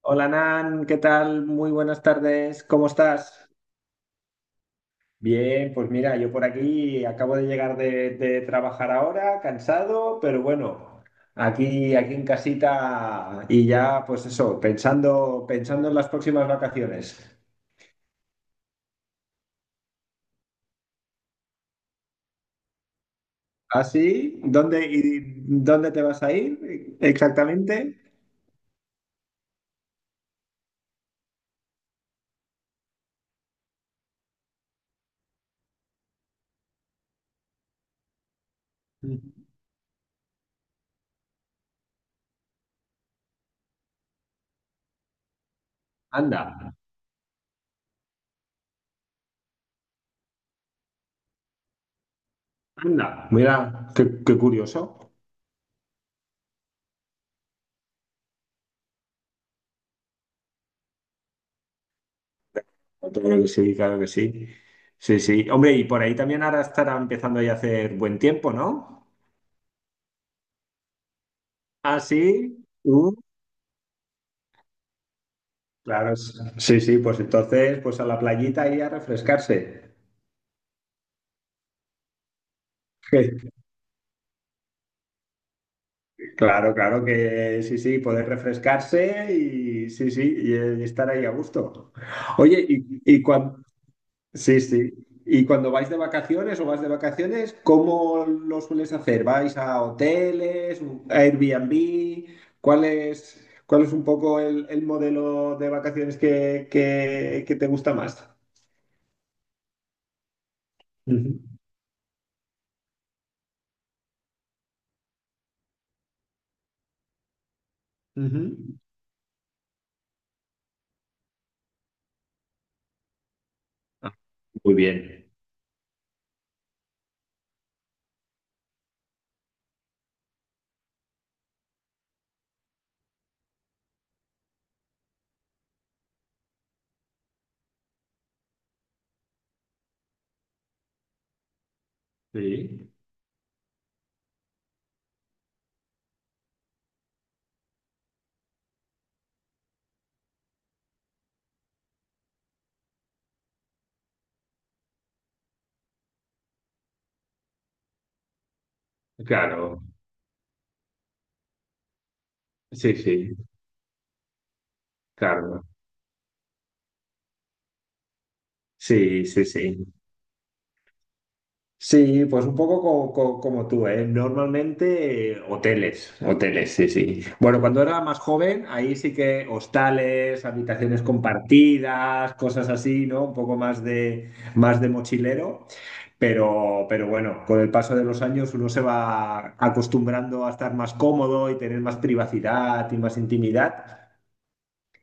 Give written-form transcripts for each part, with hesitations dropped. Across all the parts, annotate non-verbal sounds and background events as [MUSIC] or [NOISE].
Hola Nan, ¿qué tal? Muy buenas tardes, ¿cómo estás? Bien, pues mira, yo por aquí acabo de llegar de trabajar ahora, cansado, pero bueno, aquí en casita y ya pues eso, pensando, pensando en las próximas vacaciones. ¿Ah, sí? ¿Y dónde te vas a ir exactamente? Anda, anda, mira, qué curioso. Claro que sí, claro que sí. Sí, sí. Hombre, y por ahí también ahora estará empezando ya a hacer buen tiempo, ¿no? Ah, sí. Claro, sí, sí, pues entonces, pues a la playita y a refrescarse. [LAUGHS] Claro, claro que sí, sí, poder refrescarse y sí, sí, y, estar ahí a gusto. Oye, sí, sí. ¿Y cuando vais de vacaciones o vas de vacaciones, cómo lo sueles hacer? ¿Vais a hoteles, a Airbnb? ¿Cuál es un poco el modelo de vacaciones que te gusta más? Ujú, ujú. Ah, muy bien. Sí, claro. Sí, sí, claro. Sí, sí, sí. Sí, pues un poco como, tú, ¿eh? Normalmente hoteles, hoteles, sí, sí. Bueno, cuando era más joven, ahí sí que hostales, habitaciones compartidas, cosas así, ¿no? Un poco más de, mochilero. Pero bueno, con el paso de los años uno se va acostumbrando a estar más cómodo y tener más privacidad y más intimidad.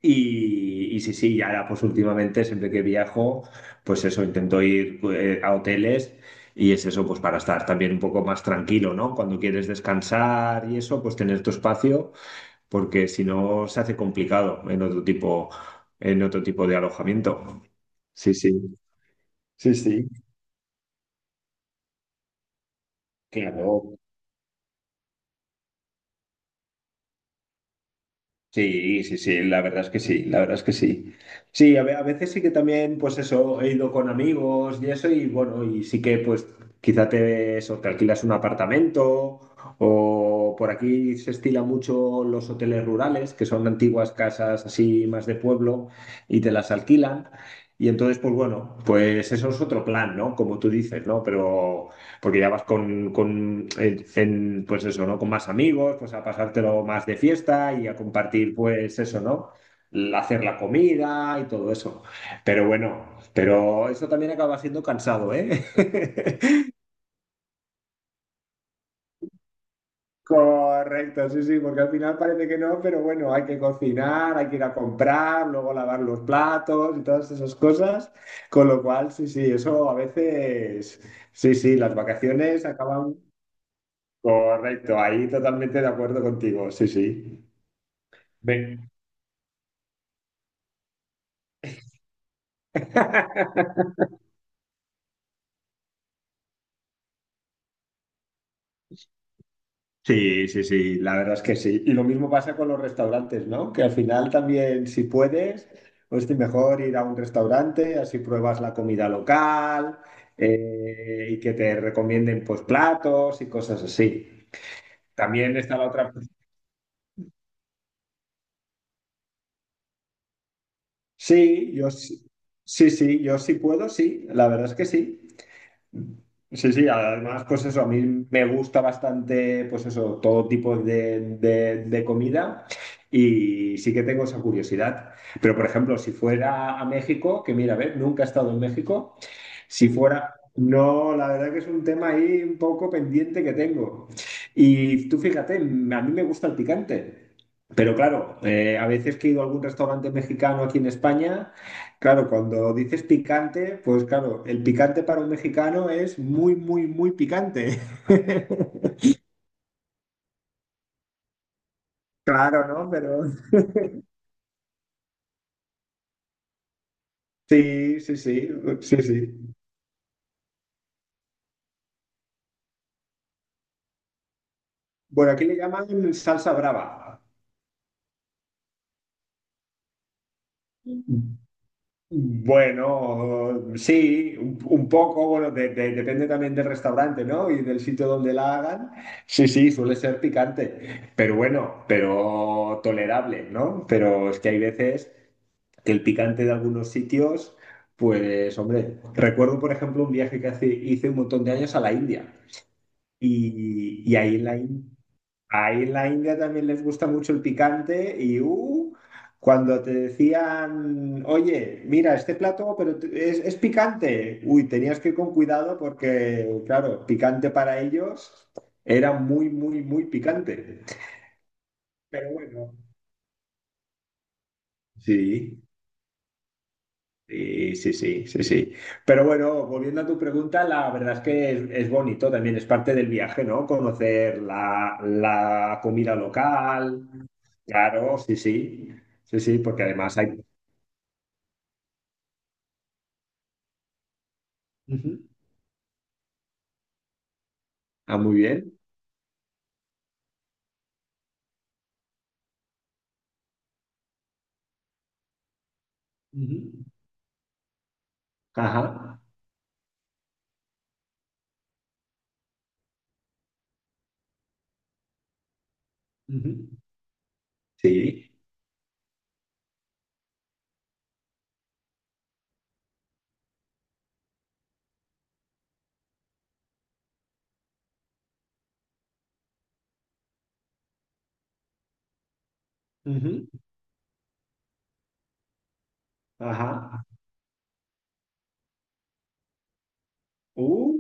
Y sí, sí, y ahora pues últimamente siempre que viajo, pues eso, intento ir a hoteles y es eso, pues para estar también un poco más tranquilo, ¿no? Cuando quieres descansar y eso, pues tener tu espacio, porque si no se hace complicado en otro tipo de alojamiento. Sí, sí. Sí, sí. Claro, sí, sí, sí, la verdad es que sí, la verdad es que sí. Sí, a, a veces sí que también, pues eso, he ido con amigos y eso, y bueno, y sí que pues quizá te alquilas un apartamento o por aquí se estila mucho los hoteles rurales, que son antiguas casas así más de pueblo y te las alquilan. Y entonces, pues bueno, pues eso es otro plan, ¿no? Como tú dices, ¿no? Pero porque ya vas con pues eso, ¿no? Con más amigos, pues a pasártelo más de fiesta y a compartir, pues eso, ¿no? Hacer la comida y todo eso. Pero bueno, pero eso también acaba siendo cansado, ¿eh? [LAUGHS] Correcto, sí, sí, porque al final parece que no, pero bueno, hay que cocinar, hay que ir a comprar, luego lavar los platos y todas esas cosas. Con lo cual, sí, sí, eso a veces, sí, sí, las vacaciones acaban. Correcto, ahí totalmente de acuerdo contigo, sí, sí. Ve. [LAUGHS] Sí, sí, sí, la verdad es que sí. Y lo mismo pasa con los restaurantes, ¿no? Que al final también, si puedes, pues te mejor ir a un restaurante, así pruebas la comida local y que te recomienden pues platos y cosas así. También está la otra. Sí, yo sí, sí, sí, yo sí puedo, sí, la verdad es que sí. Sí, sí, además, pues eso, a mí me gusta bastante, pues eso, todo tipo de, de comida y sí que tengo esa curiosidad. Pero, por ejemplo, si fuera a México, que mira, a ver, nunca he estado en México, si fuera, no, la verdad que es un tema ahí un poco pendiente que tengo. Y tú fíjate, a mí me gusta el picante. Pero claro, a veces que he ido a algún restaurante mexicano aquí en España, claro, cuando dices picante, pues claro, el picante para un mexicano es muy, muy, muy picante. [LAUGHS] Claro, ¿no? Pero sí, sí, sí, sí, sí. Bueno, aquí le llaman salsa brava. Bueno, sí, un poco, bueno, depende también del restaurante, ¿no? Y del sitio donde la hagan. Sí, sí, suele ser picante, pero bueno, pero tolerable, ¿no? Pero es que hay veces que el picante de algunos sitios, pues, hombre, recuerdo, por ejemplo, un viaje que hice un montón de años a la India y ahí en la India. Ahí en la India también les gusta mucho el picante y cuando te decían, oye, mira, este plato, pero es picante. Uy, tenías que ir con cuidado porque, claro, picante para ellos era muy, muy, muy picante. Pero bueno, sí. Sí, sí, sí, sí, sí. Pero bueno, volviendo a tu pregunta, la verdad es que es, bonito también, es parte del viaje, ¿no? Conocer la comida local. Claro, sí, sí. Sí, sí, porque además hay... Ujú. Ah, muy bien. Ujú. Ajá. Ujú. Sí. Ujú. Ajá. Uh.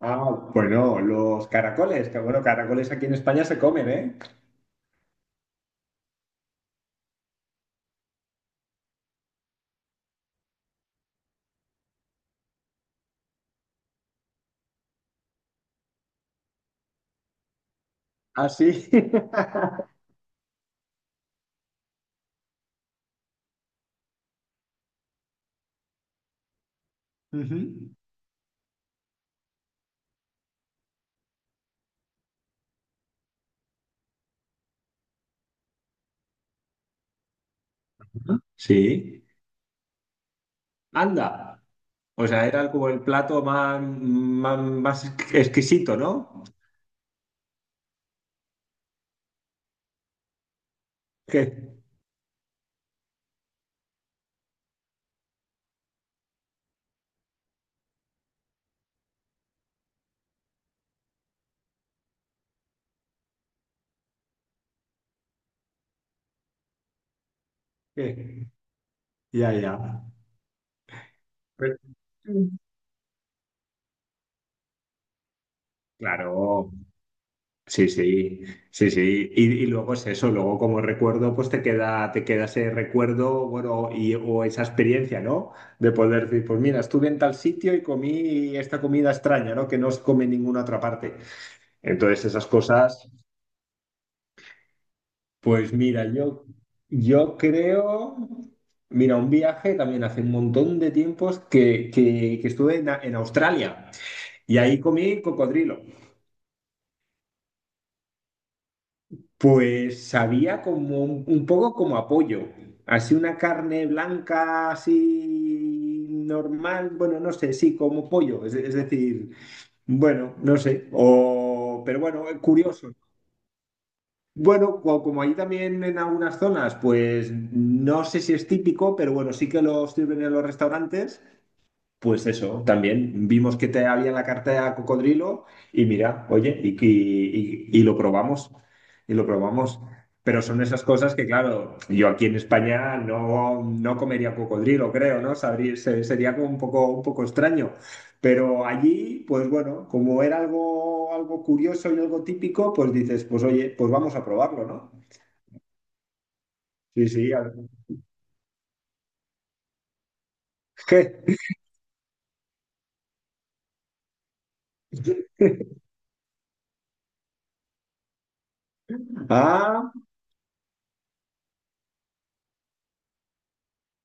Ah, bueno, los caracoles, que bueno, caracoles aquí en España se comen, ¿eh? Ah, sí. [LAUGHS] Ujú. Sí. Anda. O sea, era como el plato más, más, más exquisito, ¿no? [LAUGHS] Que, que- Ya, ya. Pero- Claro, sí, sí, sí, sí. Y luego es eso, luego como recuerdo, pues te queda, ese recuerdo, bueno, o esa experiencia, ¿no? De poder decir, pues mira, estuve en tal sitio y comí esta comida extraña, ¿no? Que no se come en ninguna otra parte. Entonces esas cosas. Pues mira, yo creo, mira, un viaje también hace un montón de tiempos que estuve en, en Australia y ahí comí cocodrilo. Pues sabía como un poco como apoyo, así una carne blanca, así normal, bueno, no sé, sí, como pollo, es decir, bueno, no sé, pero bueno, curioso. Bueno, como ahí también en algunas zonas, pues no sé si es típico, pero bueno, sí que lo sirven en los restaurantes. Pues eso, también vimos que te había en la carta de cocodrilo y mira, oye, y lo probamos, y lo probamos. Pero son esas cosas que, claro, yo aquí en España no, no comería cocodrilo, creo, ¿no? Sabría, sería como un poco extraño. Pero allí, pues bueno, como era algo, algo curioso y algo típico, pues dices, pues oye, pues vamos a probarlo, ¿no? Sí, sí. [LAUGHS] Ah,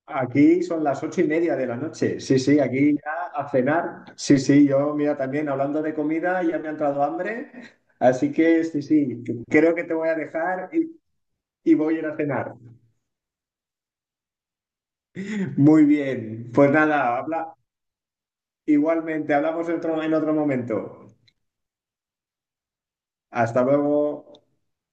aquí son las 8:30 de la noche. Sí, sí, aquí ya a cenar. Sí, sí, yo, mira, también hablando de comida, ya me ha entrado hambre. Así que sí, sí, creo que te voy a dejar y voy a ir a cenar. Muy bien, pues nada, habla, igualmente, hablamos en otro momento. Hasta luego.